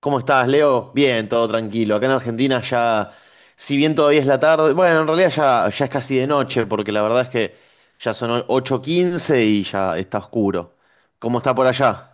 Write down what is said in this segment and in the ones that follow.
¿Cómo estás, Leo? Bien, todo tranquilo. Acá en Argentina ya, si bien todavía es la tarde, bueno, en realidad ya es casi de noche, porque la verdad es que ya son 8:15 y ya está oscuro. ¿Cómo está por allá?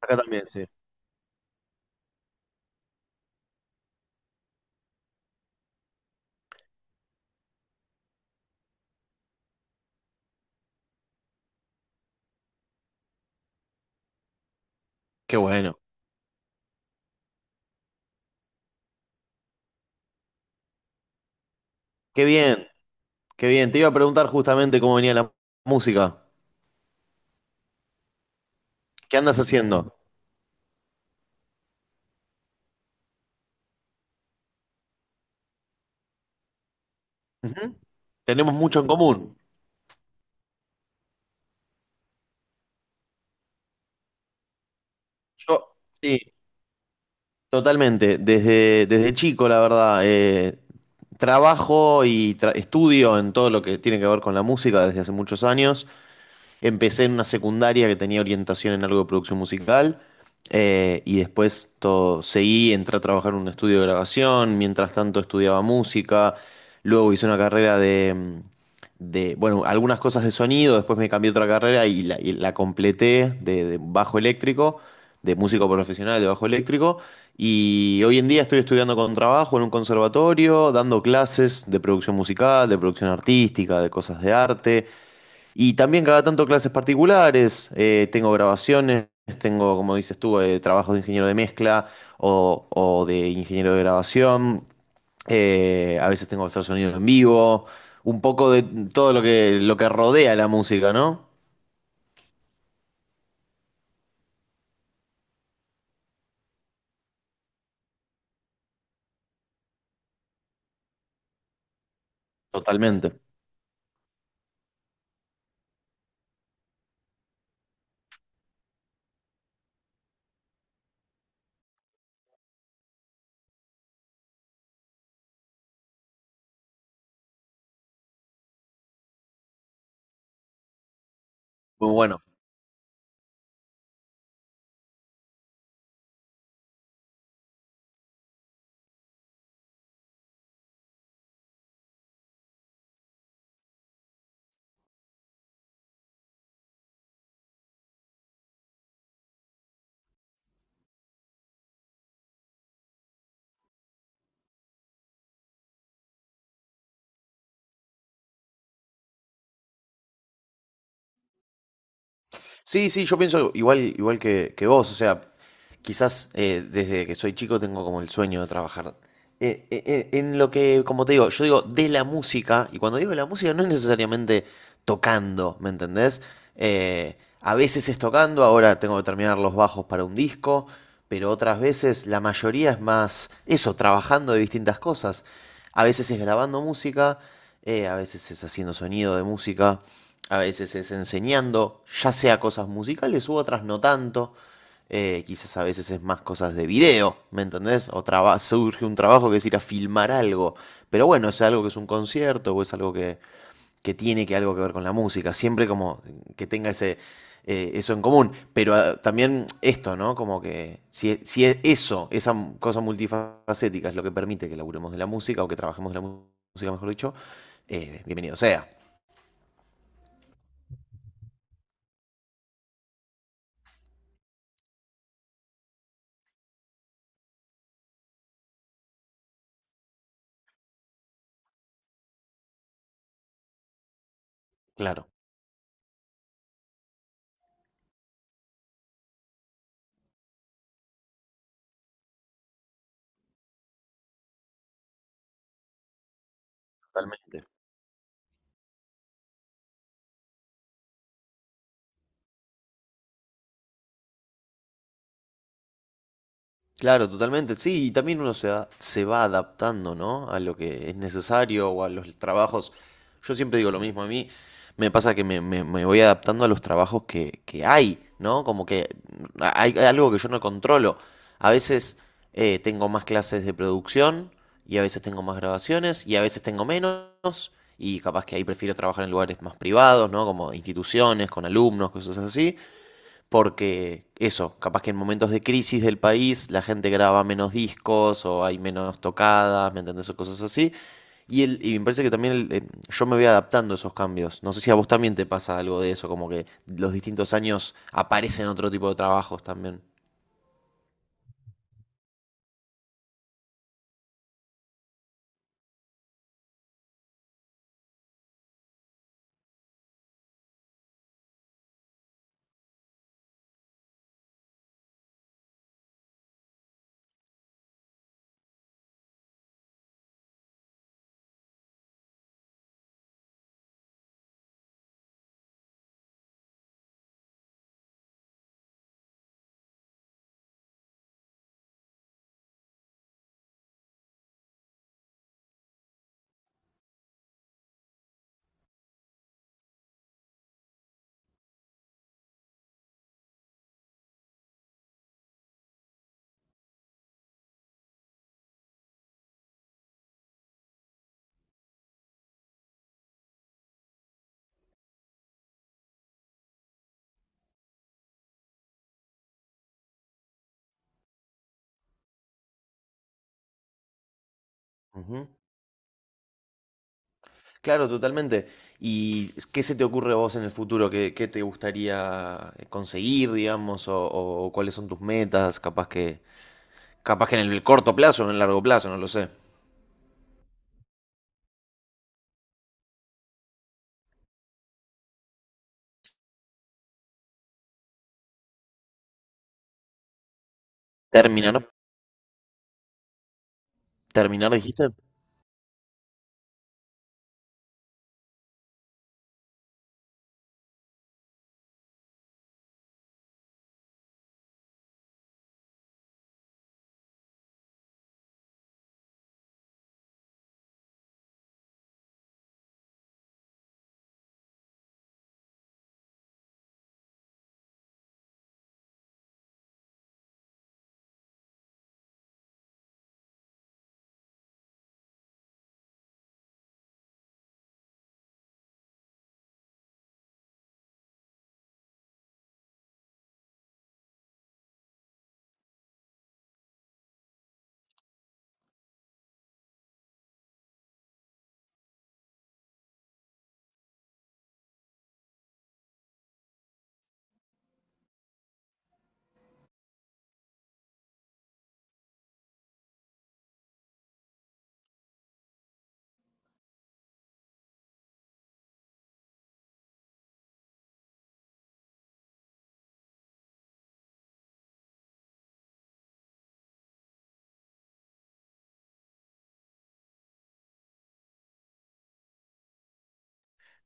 Acá también, sí. Qué bueno. Qué bien, qué bien. Te iba a preguntar justamente cómo venía la música. ¿Qué andas haciendo? Ujú. Tenemos mucho en común. Yo, sí. Totalmente, desde chico, la verdad, trabajo y estudio en todo lo que tiene que ver con la música desde hace muchos años. Empecé en una secundaria que tenía orientación en algo de producción musical, y después todo, seguí, entré a trabajar en un estudio de grabación, mientras tanto estudiaba música, luego hice una carrera de, bueno, algunas cosas de sonido, después me cambié a otra carrera y la completé de bajo eléctrico, de músico profesional de bajo eléctrico y hoy en día estoy estudiando con trabajo en un conservatorio, dando clases de producción musical, de producción artística, de cosas de arte. Y también cada tanto clases particulares, tengo grabaciones, tengo, como dices tú, trabajos de ingeniero de mezcla o de ingeniero de grabación, a veces tengo que hacer sonido en vivo, un poco de todo lo que rodea la música, ¿no? Totalmente. Muy bueno. Sí, sí, yo pienso igual, igual que vos, o sea, quizás, desde que soy chico tengo como el sueño de trabajar, en lo que, como te digo, yo digo de la música, y cuando digo de la música no es necesariamente tocando, ¿me entendés? A veces es tocando, ahora tengo que terminar los bajos para un disco, pero otras veces la mayoría es más eso, trabajando de distintas cosas. A veces es grabando música, a veces es haciendo sonido de música. A veces es enseñando, ya sea cosas musicales u otras no tanto. Quizás a veces es más cosas de video, ¿me entendés? O surge un trabajo que es ir a filmar algo. Pero bueno, es algo que es un concierto o es algo que tiene que algo que ver con la música. Siempre como que tenga ese, eso en común. Pero ah, también esto, ¿no? Como que si es eso, esa cosa multifacética es lo que permite que laburemos de la música o que trabajemos de la música, mejor dicho, bienvenido sea. Claro, totalmente. Claro, totalmente. Sí, y también uno se va adaptando, ¿no? A lo que es necesario o a los trabajos. Yo siempre digo lo mismo, a mí me pasa que me voy adaptando a los trabajos que hay, ¿no? Como que hay algo que yo no controlo. A veces, tengo más clases de producción y a veces tengo más grabaciones y a veces tengo menos y capaz que ahí prefiero trabajar en lugares más privados, ¿no? Como instituciones, con alumnos, cosas así, porque eso, capaz que en momentos de crisis del país la gente graba menos discos o hay menos tocadas, ¿me entendés? O cosas así. Y me parece que también yo me voy adaptando a esos cambios. No sé si a vos también te pasa algo de eso, como que los distintos años aparecen otro tipo de trabajos también. Ujú. Claro, totalmente. ¿Y qué se te ocurre a vos en el futuro? ¿Qué te gustaría conseguir, digamos? O cuáles son tus metas? Capaz que en el corto plazo o en el largo plazo, no lo sé. Terminar. ¿Terminar, dijiste?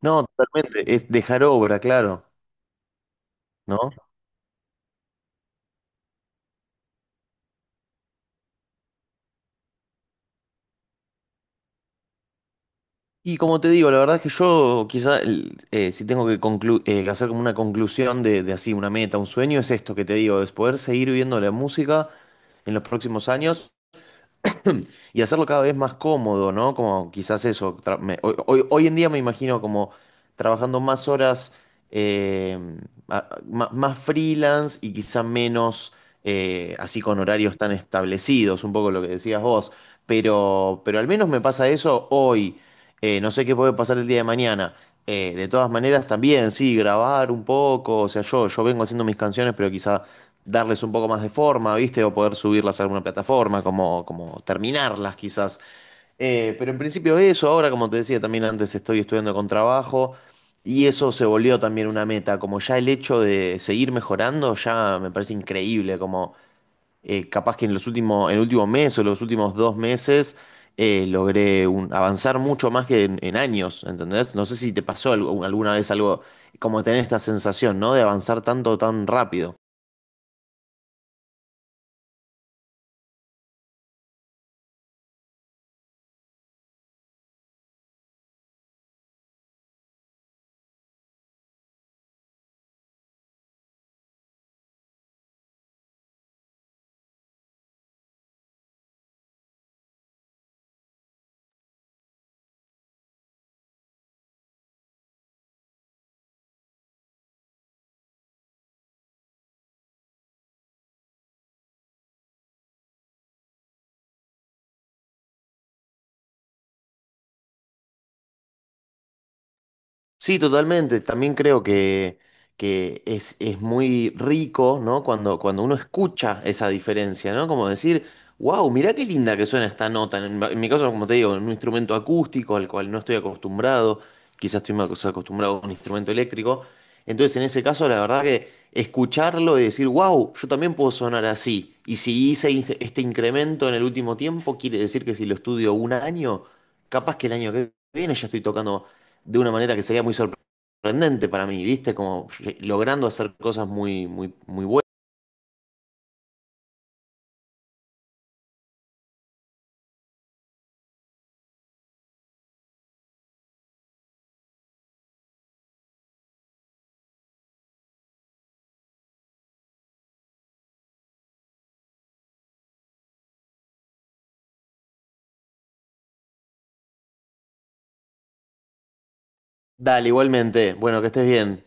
No, totalmente. Es dejar obra, claro, ¿no? Y como te digo, la verdad es que yo quizá, si tengo que que hacer como una conclusión de así, una meta, un sueño, es esto que te digo, es poder seguir viviendo la música en los próximos años y hacerlo cada vez más cómodo, ¿no? Como quizás eso, hoy en día me imagino como trabajando más horas, eh, más, freelance y quizá menos, así con horarios tan establecidos, un poco lo que decías vos, pero al menos me pasa eso hoy. No sé qué puede pasar el día de mañana. De todas maneras, también, sí, grabar un poco, o sea, yo vengo haciendo mis canciones, pero quizá darles un poco más de forma, ¿viste? O poder subirlas a alguna plataforma, como terminarlas quizás. Pero en principio eso, ahora como te decía también antes, estoy estudiando con trabajo y eso se volvió también una meta, como ya el hecho de seguir mejorando ya me parece increíble, como, capaz que en los últimos, en el último mes o los últimos 2 meses, logré avanzar mucho más que en años, ¿entendés? No sé si te pasó alguna vez algo como tener esta sensación, ¿no? De avanzar tanto, tan rápido. Sí, totalmente. También creo que es muy rico, ¿no? Cuando uno escucha esa diferencia, ¿no? Como decir, wow, mirá qué linda que suena esta nota. En mi caso, como te digo, en un instrumento acústico al cual no estoy acostumbrado, quizás estoy más acostumbrado a un instrumento eléctrico. Entonces, en ese caso, la verdad que escucharlo y decir, wow, yo también puedo sonar así. Y si hice este incremento en el último tiempo, quiere decir que si lo estudio un año, capaz que el año que viene ya estoy tocando de una manera que sería muy sorprendente para mí, ¿viste? Como, logrando hacer cosas muy, muy, muy buenas. Dale, igualmente. Bueno, que estés bien.